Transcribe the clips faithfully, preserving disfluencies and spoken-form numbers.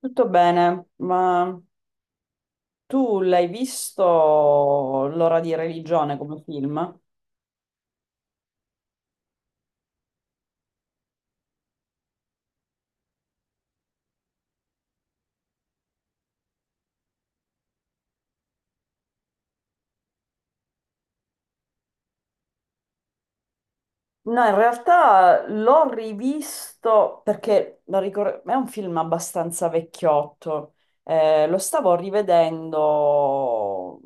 Tutto bene, ma tu l'hai visto L'ora di religione come film? No, in realtà l'ho rivisto perché lo ricor- è un film abbastanza vecchiotto. Eh, lo stavo rivedendo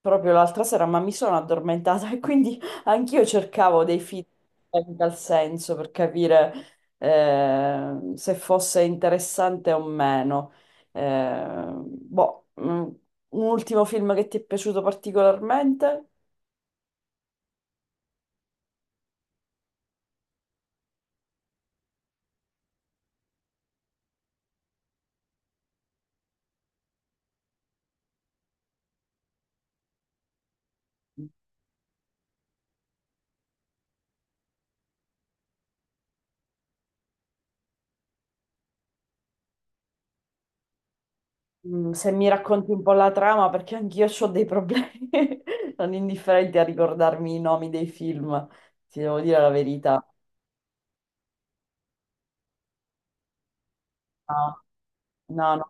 proprio l'altra sera, ma mi sono addormentata e quindi anch'io cercavo dei film in tal senso per capire eh, se fosse interessante o meno. Eh, boh, mm, un ultimo film che ti è piaciuto particolarmente? Mm, se mi racconti un po' la trama, perché anch'io ho dei problemi non indifferenti a ricordarmi i nomi dei film, ti devo dire la verità. No, no, no.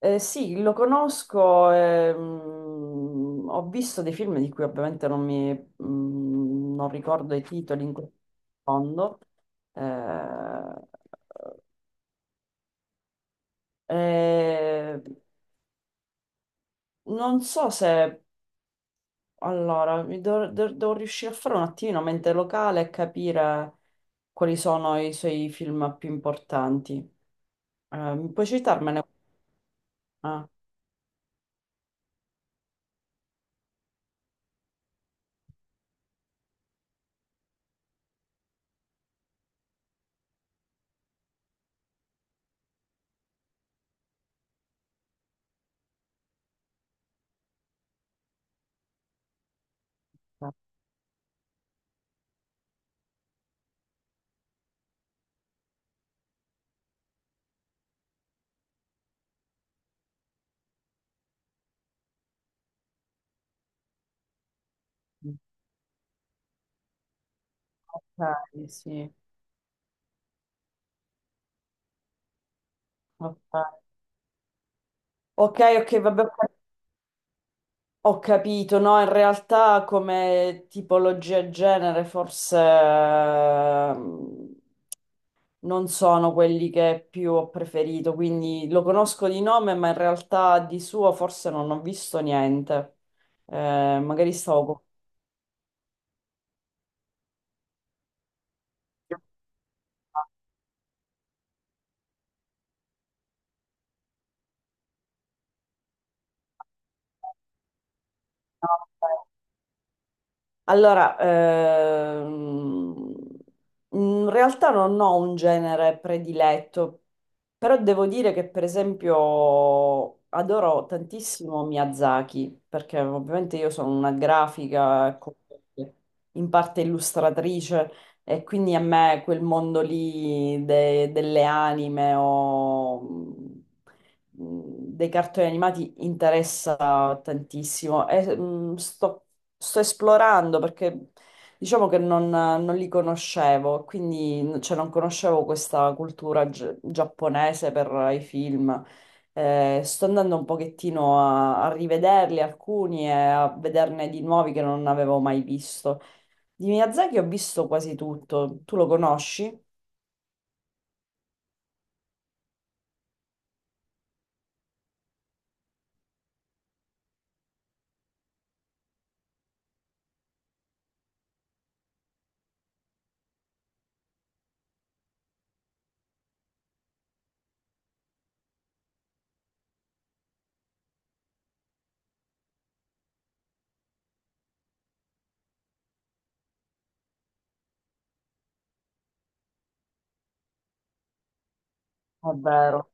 Eh, sì, lo conosco, ehm, ho visto dei film di cui ovviamente non mi, mm, non ricordo i titoli in questo secondo. Eh, eh, Non so se... Allora, mi devo, de- devo riuscire a fare un attimino mente locale e capire quali sono i suoi film più importanti. Eh, mi puoi citarmene? Ah, ok, sì. Ok, ok, ok, vabbè, ho cap- ho capito. No, in realtà come tipologia e genere forse ehm, non sono quelli che più ho preferito, quindi lo conosco di nome, ma in realtà di suo forse non ho visto niente. Eh, magari stavo confuso. Allora, ehm, in realtà non ho un genere prediletto, però devo dire che per esempio adoro tantissimo Miyazaki, perché ovviamente io sono una grafica, ecco, in parte illustratrice, e quindi a me quel mondo lì de- delle anime o mh, dei cartoni animati interessa tantissimo. E, mh, sto sto esplorando perché diciamo che non, non li conoscevo, quindi cioè, non conoscevo questa cultura gi- giapponese per i film. Eh, sto andando un pochettino a, a rivederli alcuni e a vederne di nuovi che non avevo mai visto. Di Miyazaki ho visto quasi tutto. Tu lo conosci? È vero.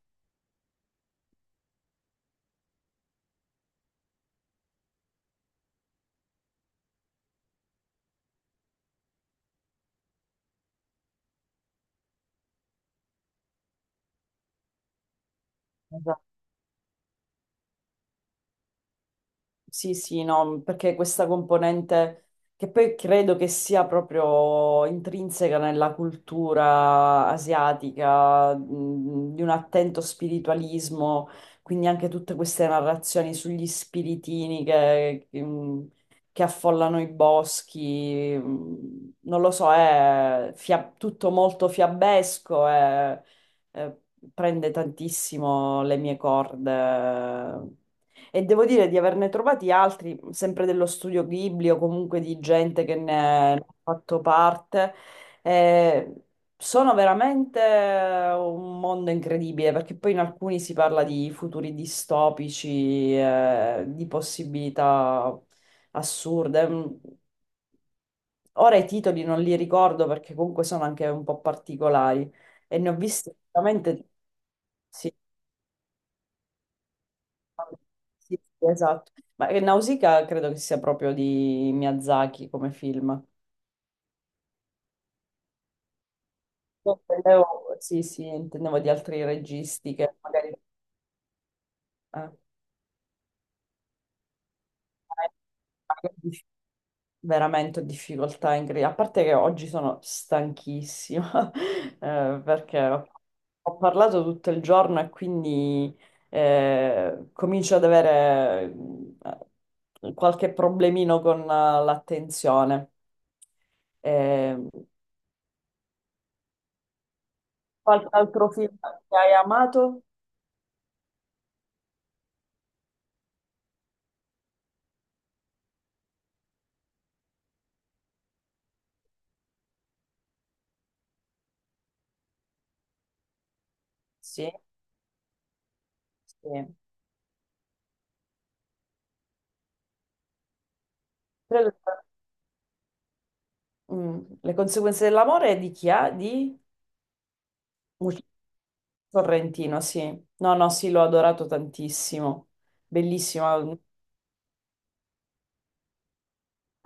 Sì, sì, no, mhmm, perché questa componente che poi credo che sia proprio intrinseca nella cultura asiatica, mh, di un attento spiritualismo, quindi anche tutte queste narrazioni sugli spiritini che, che, mh, che affollano i boschi, mh, non lo so, è fia- tutto molto fiabesco e eh, prende tantissimo le mie corde. E devo dire di averne trovati altri, sempre dello studio Ghibli o comunque di gente che ne ha fatto parte. Eh, Sono veramente eh, un mondo incredibile, perché poi in alcuni si parla di futuri distopici, eh, di possibilità assurde. Mm, ora i titoli non li ricordo perché comunque sono anche un po' particolari e ne ho visti veramente... Sì. Sì, sì, esatto. Ma eh, Nausicaa credo che sia proprio di Miyazaki come film. Io intendevo- sì, sì, intendevo di altri registi che magari eh, veramente ho difficoltà in cre- A parte che oggi sono stanchissima, eh, perché ho ho parlato tutto il giorno e quindi eh, comincio ad avere mm, qualche problemino con eh, l'attenzione. Eh, Qualche altro film che hai amato? Sì, sì. Credo che- mm, Le conseguenze dell'amore di chi ha? Di Muccio Sorrentino, sì. No, no, sì, l'ho adorato tantissimo. Bellissimo.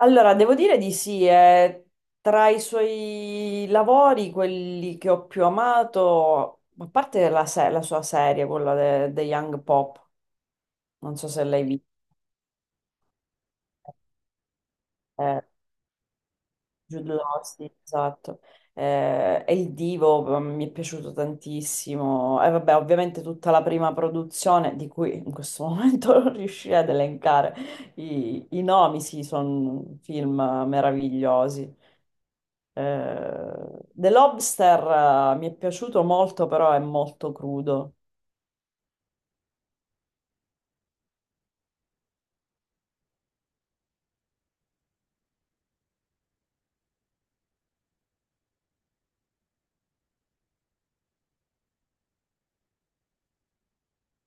Allora, devo dire di sì, è tra i suoi lavori, quelli che ho più amato, a parte la, se- la sua serie, quella de- The Young Pop, non so se l'hai vista. Eh, Jude Law, sì, esatto. Eh, e il Divo mm, mi è piaciuto tantissimo. E vabbè, ovviamente tutta la prima produzione, di cui in questo momento non riuscirei ad elencare i, i nomi, sì, sono film meravigliosi. Eh, The Lobster, eh, mi è piaciuto molto, però è molto crudo.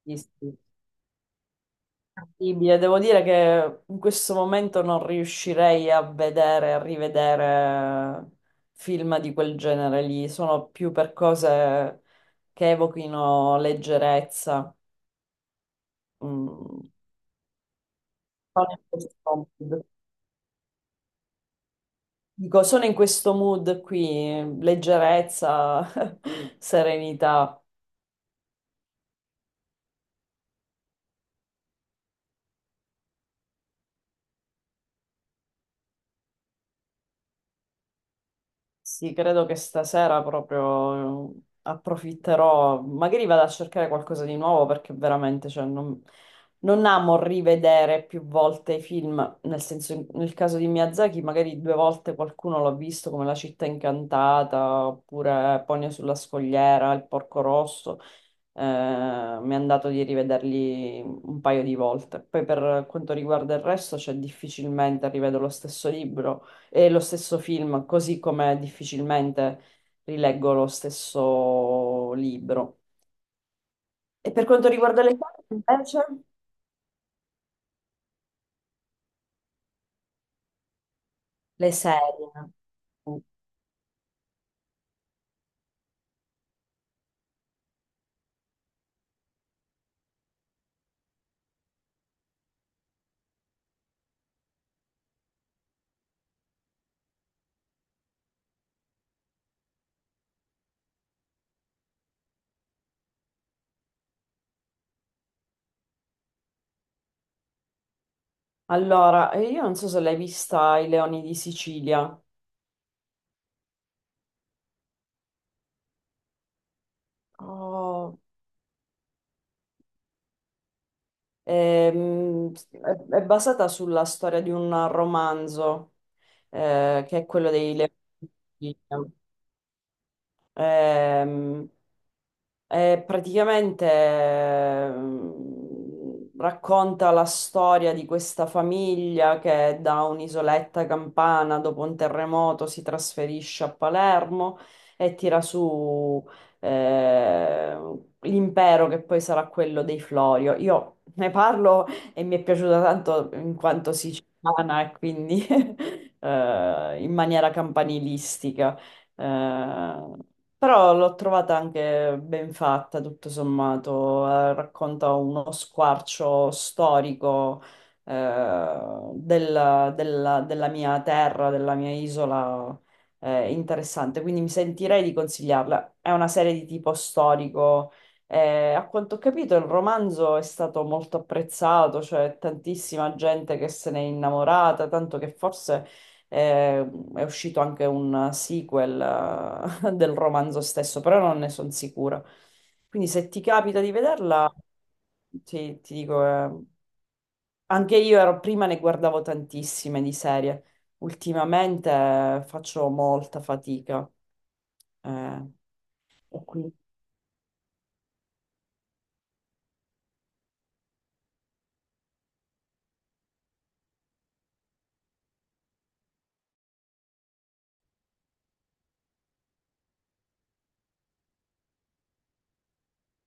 Sì, sì. Incredibile, devo dire che in questo momento non riuscirei a vedere, a rivedere film di quel genere lì, sono più per cose che evochino leggerezza. Mm, sono in questo mood. Dico, sono in questo mood qui, leggerezza, serenità. Sì, credo che stasera proprio eh, approfitterò, magari vado a cercare qualcosa di nuovo perché veramente, cioè, non, non amo rivedere più volte i film, nel senso, in- nel caso di Miyazaki magari due volte qualcuno l'ho visto come La città incantata oppure Pogno sulla scogliera, Il porco rosso, eh, mi è andato di rivederli un paio di volte. Poi per quanto riguarda il resto, cioè difficilmente rivedo lo stesso libro e lo stesso film, così come difficilmente rileggo lo stesso libro. E per quanto riguarda le serie, invece, le serie. Allora, eh, io non so se l'hai vista I Leoni di Sicilia. Oh, ehm, è, è basata sulla storia di un romanzo eh, che è quello dei leoni. Ehm, eh, praticamente ehm, racconta la storia di questa famiglia che da un'isoletta campana dopo un terremoto si trasferisce a Palermo e tira su eh, l'impero che poi sarà quello dei Florio. Io ne parlo e mi è piaciuta tanto in quanto siciliana e quindi eh, in maniera campanilistica. Eh, Però l'ho trovata anche ben fatta, tutto sommato, eh, racconta uno squarcio storico eh, del- della, della mia terra, della mia isola, eh, interessante, quindi mi sentirei di consigliarla. È una serie di tipo storico, eh, a quanto ho capito il romanzo è stato molto apprezzato, cioè tantissima gente che se n'è innamorata, tanto che forse eh, è uscito anche un sequel del romanzo stesso, però non ne sono sicura. Quindi se ti capita di vederla, ti, ti dico, eh, anche io ero- prima ne guardavo tantissime di serie, ultimamente eh, faccio molta fatica. eh, e quindi